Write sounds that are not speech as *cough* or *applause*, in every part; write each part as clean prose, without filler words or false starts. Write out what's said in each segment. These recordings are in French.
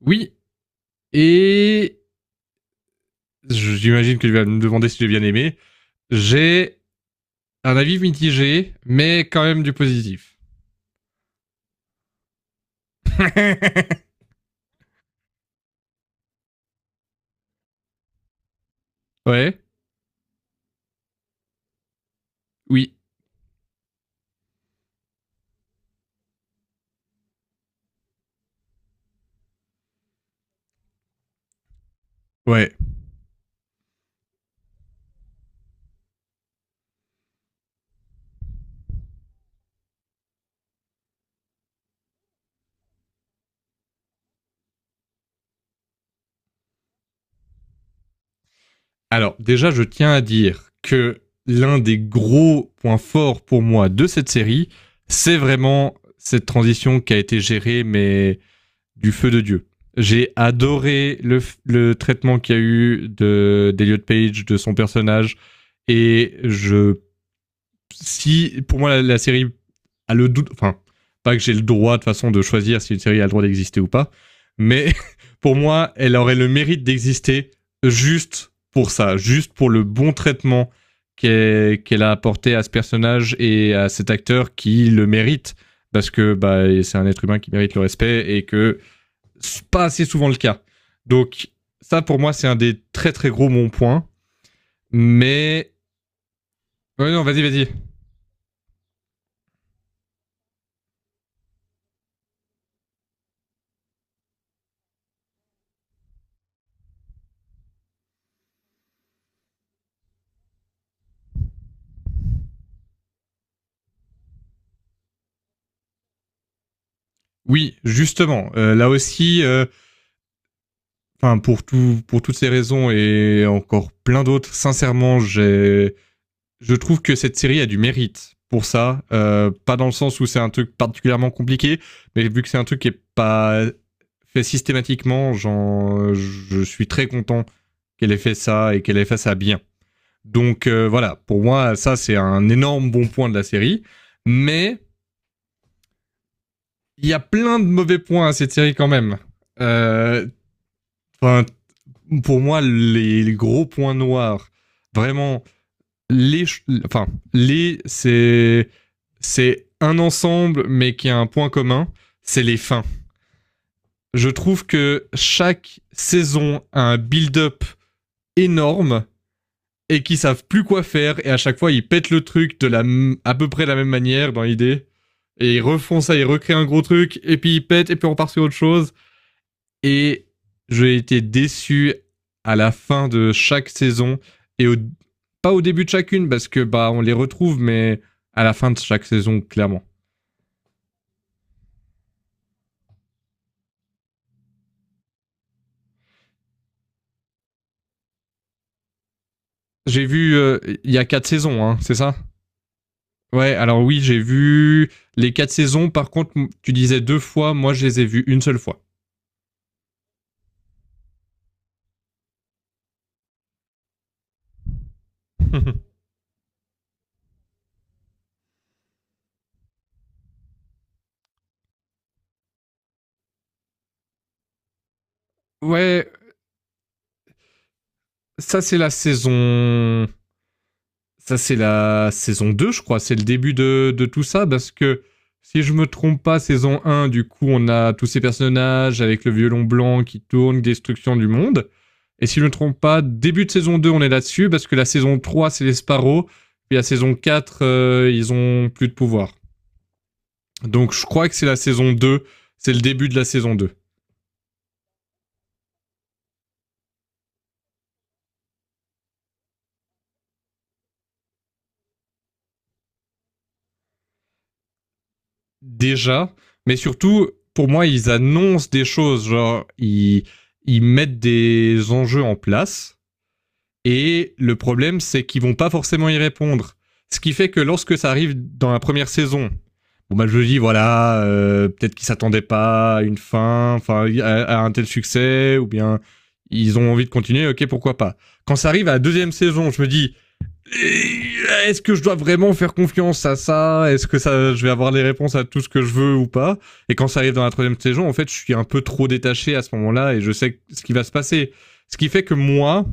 Oui, et j'imagine que tu vas me demander si j'ai bien aimé. J'ai un avis mitigé, mais quand même du positif. *laughs* ouais, oui, ouais. Alors déjà, je tiens à dire que l'un des gros points forts pour moi de cette série, c'est vraiment cette transition qui a été gérée, mais du feu de Dieu. J'ai adoré le traitement qu'il y a eu de d'Eliot Page, de son personnage, et je si pour moi la série a le doute, enfin pas que j'ai le droit de façon de choisir si une série a le droit d'exister ou pas, mais *laughs* pour moi elle aurait le mérite d'exister juste pour ça, juste pour le bon traitement qu'elle a apporté à ce personnage et à cet acteur qui le mérite parce que bah, c'est un être humain qui mérite le respect et que c'est pas assez souvent le cas. Donc ça pour moi c'est un des très très gros bons points, mais Ouais, non, vas-y, vas-y. Oui, justement. Là aussi, enfin pour tout, pour toutes ces raisons et encore plein d'autres, sincèrement, j'ai, je trouve que cette série a du mérite pour ça. Pas dans le sens où c'est un truc particulièrement compliqué, mais vu que c'est un truc qui est pas fait systématiquement, je suis très content qu'elle ait fait ça et qu'elle ait fait ça bien. Donc voilà, pour moi, ça c'est un énorme bon point de la série. Mais il y a plein de mauvais points à cette série quand même. Euh, Enfin, pour moi, les gros points noirs, vraiment, les, enfin, les, c'est, c'est un ensemble, mais qui a un point commun, c'est les fins. Je trouve que chaque saison a un build-up énorme et qui savent plus quoi faire et à chaque fois ils pètent le truc de la à peu près la même manière dans l'idée et ils refont ça, ils recréent un gros truc et puis ils pètent et puis on part sur autre chose. Et j'ai été déçu à la fin de chaque saison et au- pas au début de chacune parce que bah on les retrouve, mais à la fin de chaque saison clairement. J'ai vu il y a quatre saisons, hein, c'est ça? Ouais, alors oui, j'ai vu les quatre saisons. Par contre, tu disais deux fois, moi je les ai vues une seule fois. *laughs* ouais, ça c'est la saison. Ça, c'est la saison 2, je crois. C'est le début de tout ça, parce que si je me trompe pas, saison un, du coup, on a tous ces personnages avec le violon blanc qui tourne, destruction du monde. Et si je ne me trompe pas, début de saison 2, on est là-dessus, parce que la saison 3 c'est les Sparrows. Puis la saison 4 ils ont plus de pouvoir. Donc je crois que c'est la saison deux, c'est le début de la saison deux. Déjà, mais surtout, pour moi, ils annoncent des choses, genre, ils mettent des enjeux en place. Et le problème, c'est qu'ils vont pas forcément y répondre. Ce qui fait que lorsque ça arrive dans la première saison, bon bah je dis voilà, peut-être qu'ils s'attendaient pas à une fin, enfin à un tel succès, ou bien ils ont envie de continuer, ok pourquoi pas. Quand ça arrive à la deuxième saison, je me dis est-ce que je dois vraiment faire confiance à ça? Est-ce que ça, je vais avoir les réponses à tout ce que je veux ou pas? Et quand ça arrive dans la troisième saison, en fait, je suis un peu trop détaché à ce moment-là et je sais ce qui va se passer. Ce qui fait que moi,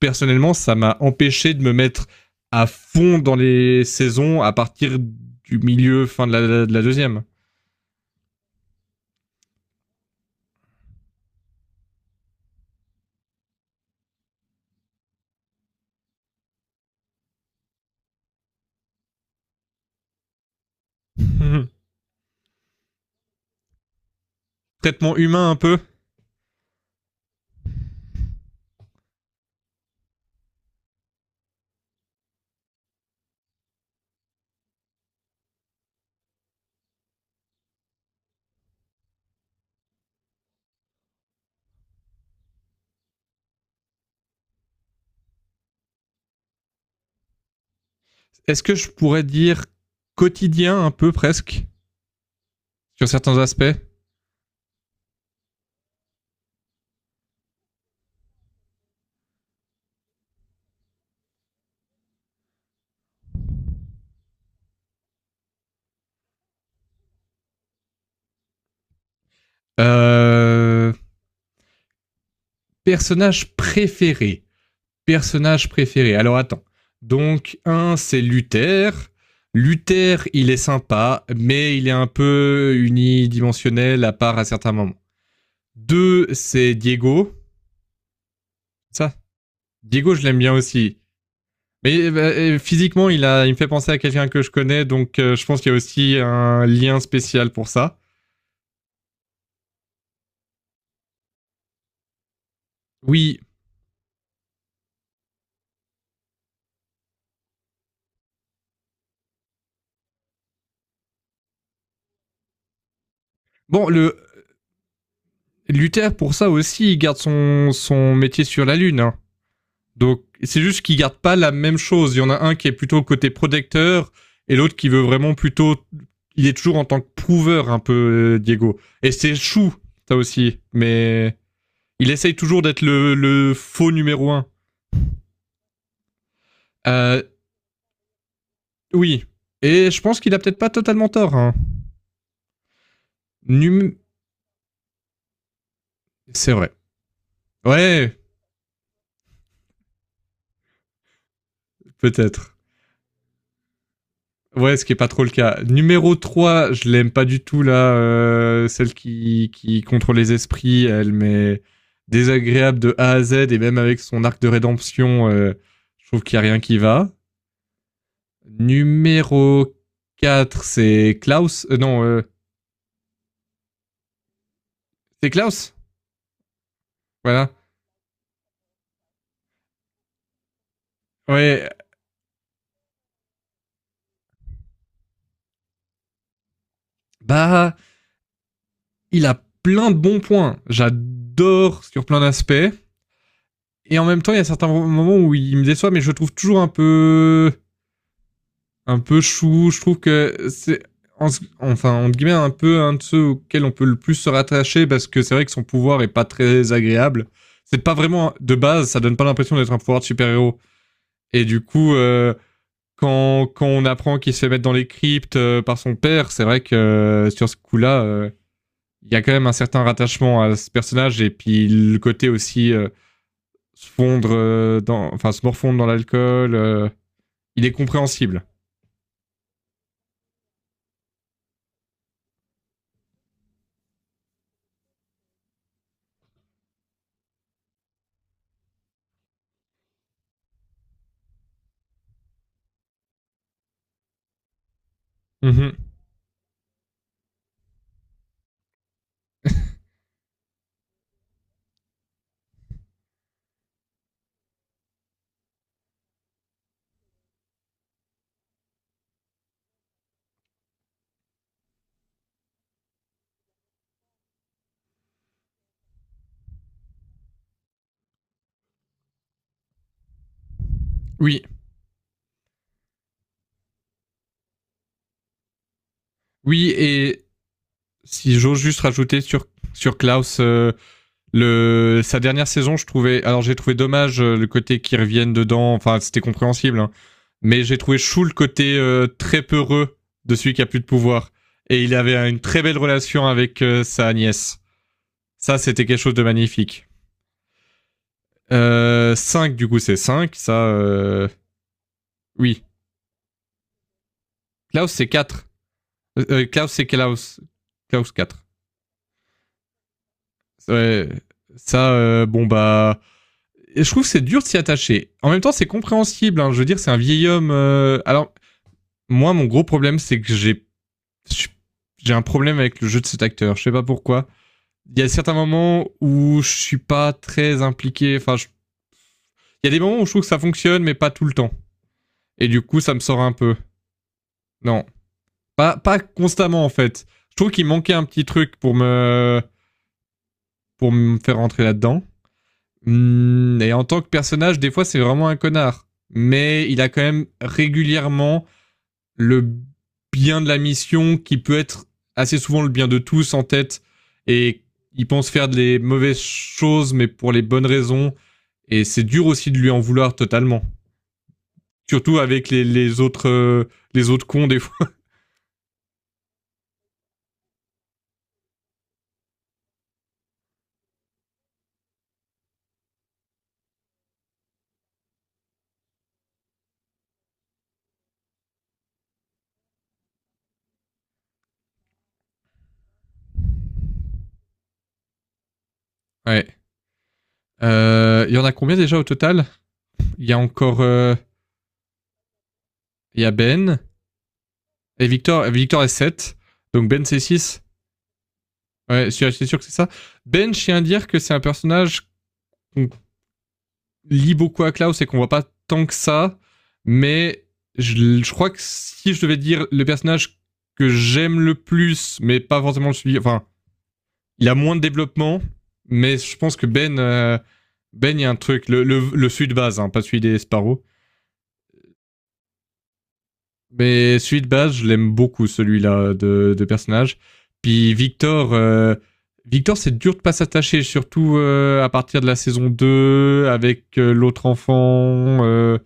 personnellement, ça m'a empêché de me mettre à fond dans les saisons à partir du milieu, fin de de la deuxième. *laughs* Traitement humain un peu. Est-ce que je pourrais dire quotidien un peu presque sur certains aspects? euh... Personnage préféré. Personnage préféré? Alors attends. Donc un, c'est Luther. Luther, il est sympa, mais il est un peu unidimensionnel à part à certains moments. Deux, c'est Diego. Ça, Diego, je l'aime bien aussi. Mais bah, physiquement, il me fait penser à quelqu'un que je connais, donc je pense qu'il y a aussi un lien spécial pour ça. Oui. Bon, le Luther, pour ça aussi, il garde son métier sur la Lune. Hein. Donc c'est juste qu'ils gardent pas la même chose. Il y en a un qui est plutôt côté protecteur et l'autre qui veut vraiment plutôt. Il est toujours en tant que prouveur un peu Diego. Et c'est chou ça aussi, mais il essaye toujours d'être le faux numéro un. Euh, oui. Et je pense qu'il a peut-être pas totalement tort. Hein. Num- C'est vrai. Ouais, peut-être. Ouais, ce qui est pas trop le cas. Numéro 3, je l'aime pas du tout là, celle qui contrôle les esprits, elle m'est désagréable de A à Z et même avec son arc de rédemption, je trouve qu'il y a rien qui va. Numéro 4, c'est Klaus. Non, c'est Klaus. Voilà. Ouais, bah il a plein de bons points. J'adore sur plein d'aspects. Et en même temps, il y a certains moments où il me déçoit, mais je le trouve toujours un peu chou. Je trouve que c'est en- enfin entre guillemets un peu un de ceux auxquels on peut le plus se rattacher parce que c'est vrai que son pouvoir est pas très agréable. C'est pas vraiment de base, ça donne pas l'impression d'être un pouvoir de super-héros. Et du coup, quand on apprend qu'il se fait mettre dans les cryptes par son père, c'est vrai que sur ce coup-là, il y a quand même un certain rattachement à ce personnage et puis le côté aussi se fondre enfin se morfondre dans l'alcool, il est compréhensible. Mhm. Oui, oui, et si j'ose juste rajouter sur Klaus, le sa dernière saison, je trouvais. Alors j'ai trouvé dommage le côté qui revienne dedans. Enfin, c'était compréhensible, hein. Mais j'ai trouvé chou le côté très peureux de celui qui a plus de pouvoir. Et il avait une très belle relation avec sa nièce. Ça, c'était quelque chose de magnifique. 5, du coup, c'est cinq. Ça, oui. Klaus, c'est 4. Klaus, c'est Klaus. Klaus quatre. Ouais, ça, bon, bah je trouve que c'est dur de s'y attacher. En même temps, c'est compréhensible. Hein. Je veux dire, c'est un vieil homme. Alors, moi, mon gros problème, c'est que j'ai un problème avec le jeu de cet acteur. Je sais pas pourquoi. Il y a certains moments où je suis pas très impliqué. Enfin, je- il y a des moments où je trouve que ça fonctionne, mais pas tout le temps. Et du coup, ça me sort un peu. Non, pas constamment en fait. Je trouve qu'il manquait un petit truc pour me faire rentrer là-dedans. Et en tant que personnage, des fois, c'est vraiment un connard. Mais il a quand même régulièrement le bien de la mission qui peut être assez souvent le bien de tous en tête et il pense faire des mauvaises choses mais pour les bonnes raisons et c'est dur aussi de lui en vouloir totalement. Surtout avec les autres cons des fois. *laughs* Ouais. Il y en a combien déjà au total? Il y a encore il y a Ben et Victor. Victor est sept. Donc Ben c'est six. Ouais, c'est sûr que c'est ça. Ben, je tiens à dire que c'est un personnage qu'on lie beaucoup à Klaus et qu'on voit pas tant que ça, mais je crois que si je devais dire le personnage que j'aime le plus, mais pas forcément le suivi, enfin, il a moins de développement, mais je pense que Ben, il y a un truc, le celui de base, hein, pas celui des Sparrow, mais celui de base, je l'aime beaucoup, celui-là de personnage. Puis Victor, c'est dur de pas s'attacher, surtout à partir de la saison 2 avec l'autre enfant, euh,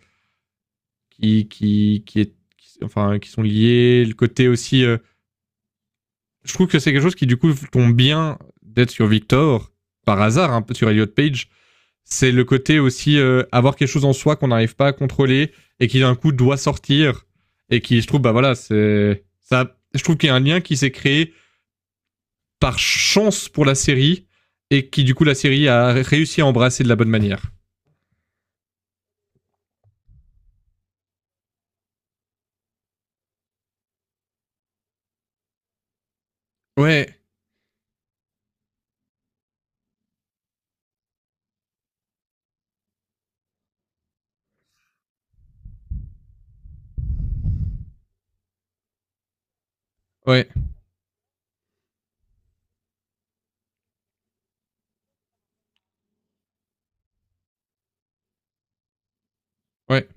qui, qui, qui, est, qui- enfin, qui sont liés. Le côté aussi, je trouve que c'est quelque chose qui du coup tombe bien d'être sur Victor par hasard, un peu sur Elliot Page. C'est le côté aussi avoir quelque chose en soi qu'on n'arrive pas à contrôler et qui d'un coup doit sortir et qui, je trouve, bah voilà, c'est ça. Je trouve qu'il y a un lien qui s'est créé par chance pour la série et qui du coup la série a réussi à embrasser de la bonne manière. Ouais, ouais, ouais.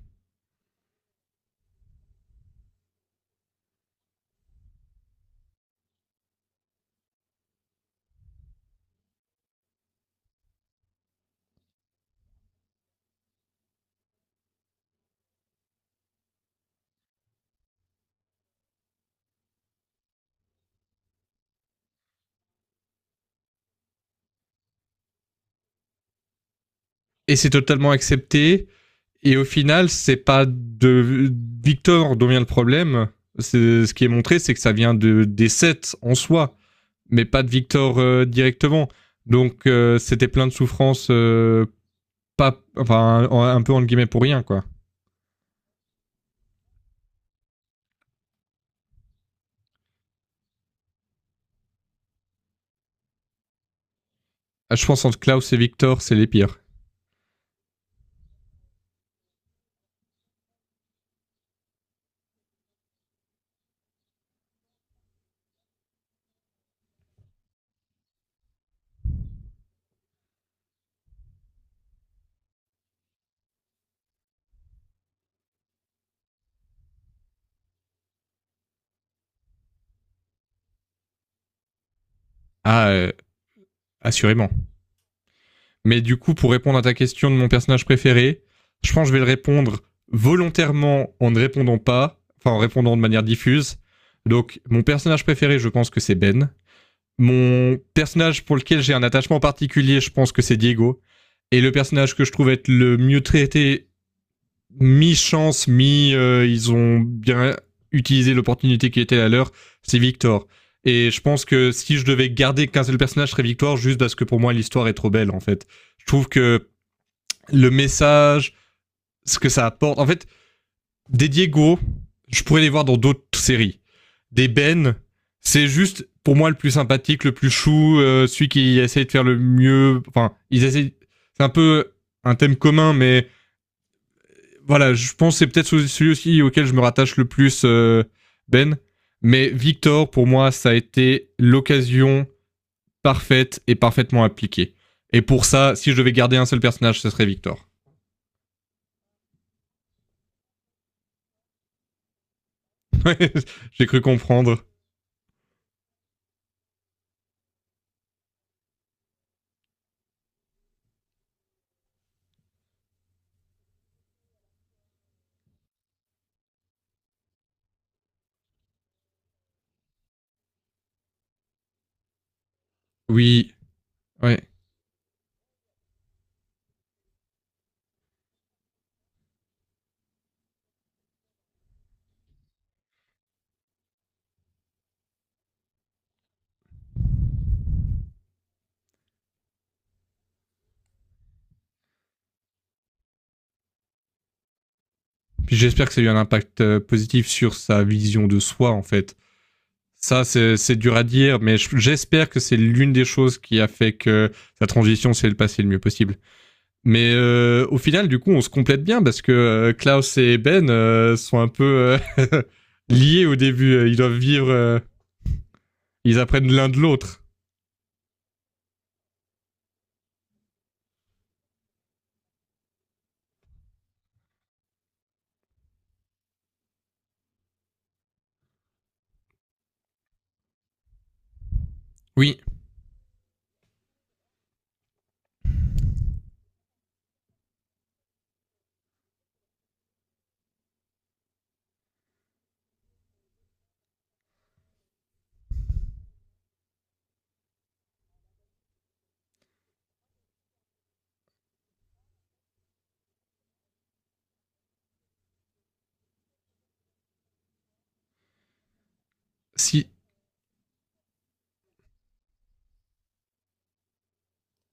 Et c'est totalement accepté. Et au final, c'est pas de Victor dont vient le problème. C'est, ce qui est montré, c'est que ça vient des sets en soi, mais pas de Victor directement. Donc c'était plein de souffrances, pas, enfin, un peu entre guillemets pour rien, quoi. Ah, je pense entre Klaus et Victor, c'est les pires. Ah, euh, assurément. Mais du coup, pour répondre à ta question de mon personnage préféré, je pense que je vais le répondre volontairement en ne répondant pas, enfin en répondant de manière diffuse. Donc, mon personnage préféré, je pense que c'est Ben. Mon personnage pour lequel j'ai un attachement particulier, je pense que c'est Diego. Et le personnage que je trouve être le mieux traité mi-chance, ils ont bien utilisé l'opportunité qui était la leur, c'est Victor. Et je pense que si je devais garder qu'un seul personnage, serait Victor, juste parce que pour moi, l'histoire est trop belle, en fait. Je trouve que le message, ce que ça apporte, en fait, des Diego, je pourrais les voir dans d'autres séries. Des Ben, c'est juste, pour moi, le plus sympathique, le plus chou, celui qui essaie de faire le mieux, enfin, ils essaient, c'est un peu un thème commun, mais voilà, je pense que c'est peut-être celui aussi auquel je me rattache le plus, Ben. Mais Victor, pour moi, ça a été l'occasion parfaite et parfaitement appliquée. Et pour ça, si je devais garder un seul personnage, ce serait Victor. *laughs* J'ai cru comprendre. Oui, ouais. Puis j'espère que ça a eu un impact positif sur sa vision de soi, en fait. Ça, c'est dur à dire, mais j'espère que c'est l'une des choses qui a fait que sa transition s'est passée le mieux possible. Mais au final, du coup, on se complète bien parce que Klaus et sont un peu *laughs* liés au début. Ils doivent vivre, ils apprennent l'un de l'autre. Oui, si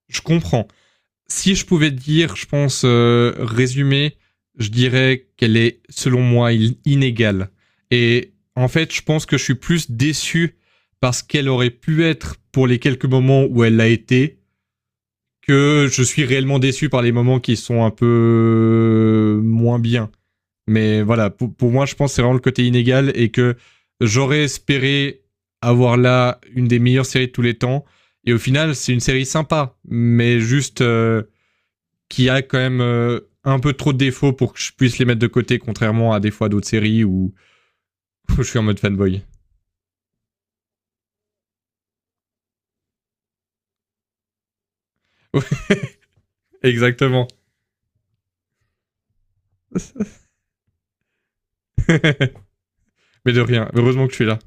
je comprends. Si je pouvais dire, je pense, résumer, je dirais qu'elle est, selon moi, inégale. Et en fait, je pense que je suis plus déçu parce qu'elle aurait pu être pour les quelques moments où elle l'a été que je suis réellement déçu par les moments qui sont un peu moins bien. Mais voilà, pour moi, je pense que c'est vraiment le côté inégal et que j'aurais espéré avoir là une des meilleures séries de tous les temps. Et au final, c'est une série sympa, mais juste qui a quand même un peu trop de défauts pour que je puisse les mettre de côté, contrairement à des fois d'autres séries où, *laughs* où je suis en mode fanboy. *laughs* Exactement. *laughs* mais de rien. Heureusement que je suis là.